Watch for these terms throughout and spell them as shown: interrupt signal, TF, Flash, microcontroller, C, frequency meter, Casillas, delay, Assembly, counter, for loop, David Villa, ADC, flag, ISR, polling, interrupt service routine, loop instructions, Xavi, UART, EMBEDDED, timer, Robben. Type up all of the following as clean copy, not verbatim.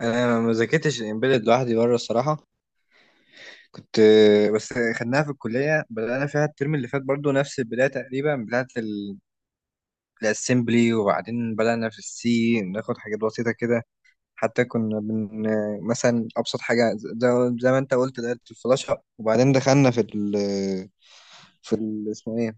انا ما ذاكرتش الامبيدد لوحدي بره الصراحه. كنت بس خدناها في الكليه، بدأنا فيها الترم اللي فات برضو نفس البدايه تقريبا بتاعه الاسمبلي، وبعدين بدأنا في السي ناخد حاجات بسيطه كده. حتى كنا بن مثلا ابسط حاجه زي ما انت قلت دايره الفلاشه، وبعدين دخلنا في ال في ال اسمه ايه،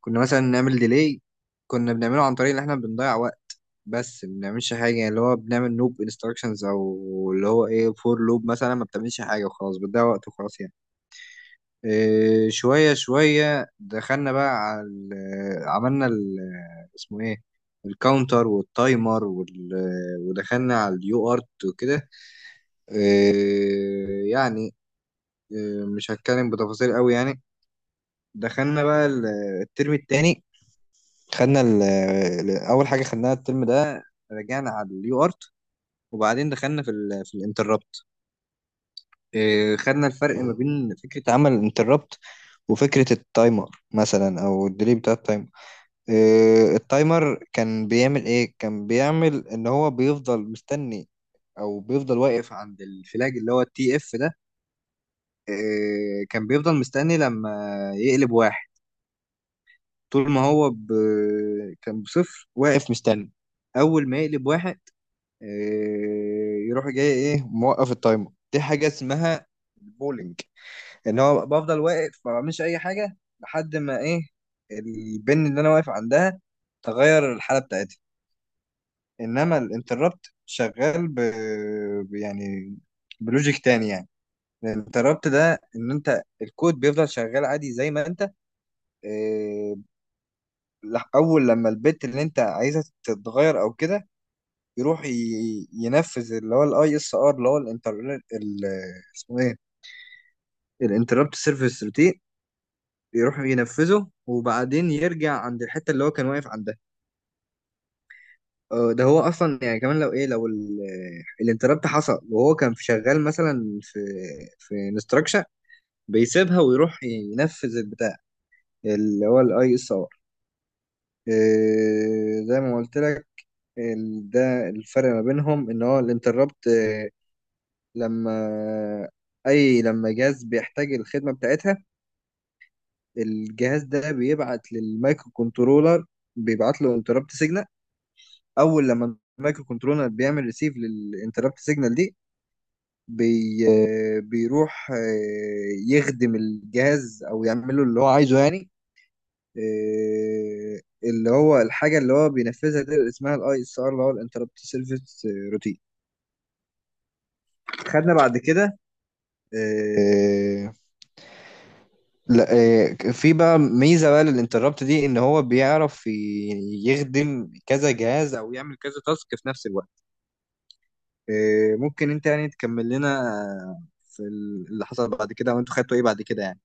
كنا مثلا نعمل ديلي. كنا بنعمله عن طريق ان احنا بنضيع وقت بس ما بنعملش حاجه، يعني اللي هو بنعمل لوب انستراكشنز او اللي هو ايه فور لوب، مثلا ما بتعملش حاجه وخلاص، بتضيع وقت وخلاص يعني. إيه، شويه شويه دخلنا بقى على عملنا ال اسمه ايه، الكاونتر والتايمر وال، ودخلنا على اليو ارت وكده. إيه يعني، إيه مش هتكلم بتفاصيل قوي يعني. دخلنا بقى الترم التاني، خدنا اول حاجه خدناها الترم ده رجعنا على اليو ارت، وبعدين دخلنا في ال في الانتربت. خدنا الفرق ما بين فكره عمل الانتربت وفكره التايمر مثلا، او الديلي بتاع التايمر. إيه، التايمر كان بيعمل ايه؟ كان بيعمل ان هو بيفضل مستني، او بيفضل واقف عند الفلاج اللي هو التي اف ده. إيه، كان بيفضل مستني لما يقلب واحد. طول ما هو ب... كان بصفر واقف مستني، اول ما يقلب واحد. إيه، يروح جاي ايه موقف التايمر، دي حاجه اسمها البولينج. ان هو بفضل واقف ما بعملش اي حاجه لحد ما ايه البن اللي انا واقف عندها تغير الحاله بتاعتها. انما الانتربت شغال يعني بلوجيك تاني يعني. الانتربت ده ان انت الكود بيفضل شغال عادي زي ما انت إيه، اول لما البت اللي انت عايزها تتغير او كده، يروح ينفذ اللي هو الاي اس ار اللي هو الانتر ال- اسمه ايه، الانتربت سيرفيس روتين. يروح ينفذه وبعدين يرجع عند الحته اللي هو كان واقف عندها. ده هو اصلا يعني، كمان لو ايه، لو الانتربت حصل وهو كان في شغال مثلا في في انستراكشن، بيسيبها ويروح ينفذ البتاع اللي هو الاي اس ار، زي ما قلت لك. ده الفرق ما بينهم، ان هو الانتربت لما اي لما جهاز بيحتاج الخدمه بتاعتها، الجهاز ده بيبعت للمايكرو كنترولر، بيبعت له انتربت سيجنال. اول لما المايكرو كنترولر بيعمل ريسيف للانتربت سيجنال دي، بي بيروح يخدم الجهاز او يعمل له اللي هو عايزه يعني. اللي هو الحاجه اللي هو بينفذها دي اسمها الاي اس ار اللي هو الانتربت سيرفيس روتين. خدنا بعد كده آه، لا، في بقى ميزة بقى للانتربت دي، ان هو بيعرف يخدم كذا جهاز او يعمل كذا تاسك في نفس الوقت. ممكن انت يعني تكمل لنا في اللي حصل بعد كده، وانتوا خدتوا ايه بعد كده يعني.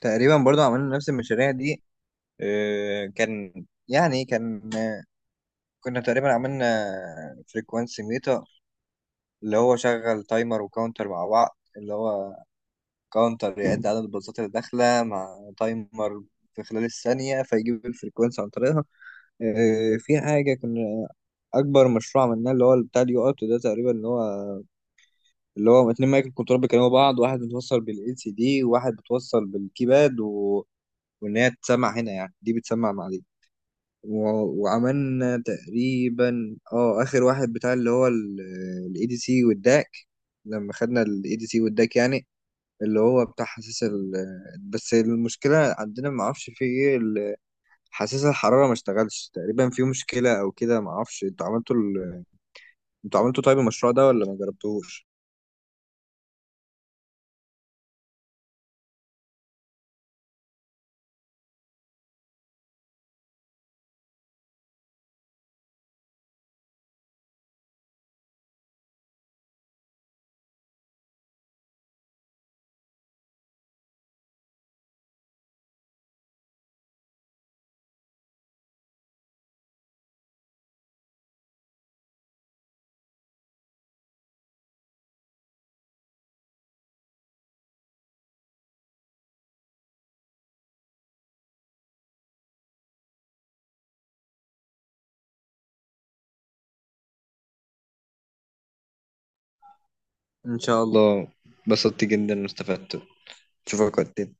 تقريبا برضو عملنا نفس المشاريع دي. آه، كان يعني كان آه، كنا تقريبا عملنا فريكوانسي ميتر، اللي هو شغل تايمر وكاونتر مع بعض، اللي هو كاونتر يعد عدد الباصات اللي داخلة مع تايمر في خلال الثانية، فيجيب الفريكونسي عن طريقها. في حاجة كنا أكبر مشروع عملناه اللي هو بتاع اليو أوت ده تقريبا، اللي هو اتنين مايك كنترول بيكلموا بعض، واحد متوصل بالال سي دي وواحد متوصل بالكيباد، وإن هي تسمع هنا يعني، دي بتسمع مع دي. و... وعملنا تقريبا اه آخر واحد بتاع اللي هو الاي دي سي والداك. لما خدنا الاي دي سي والداك يعني، اللي هو بتاع حساس بس المشكلة عندنا ما اعرفش في ايه حساس الحرارة ما اشتغلش تقريبا، في مشكلة او كده ما اعرفش. انتوا عملتوا انتوا عملتوا طيب المشروع ده، ولا ما جربتوش؟ ان شاء الله، بس اشوفك وقت تاني.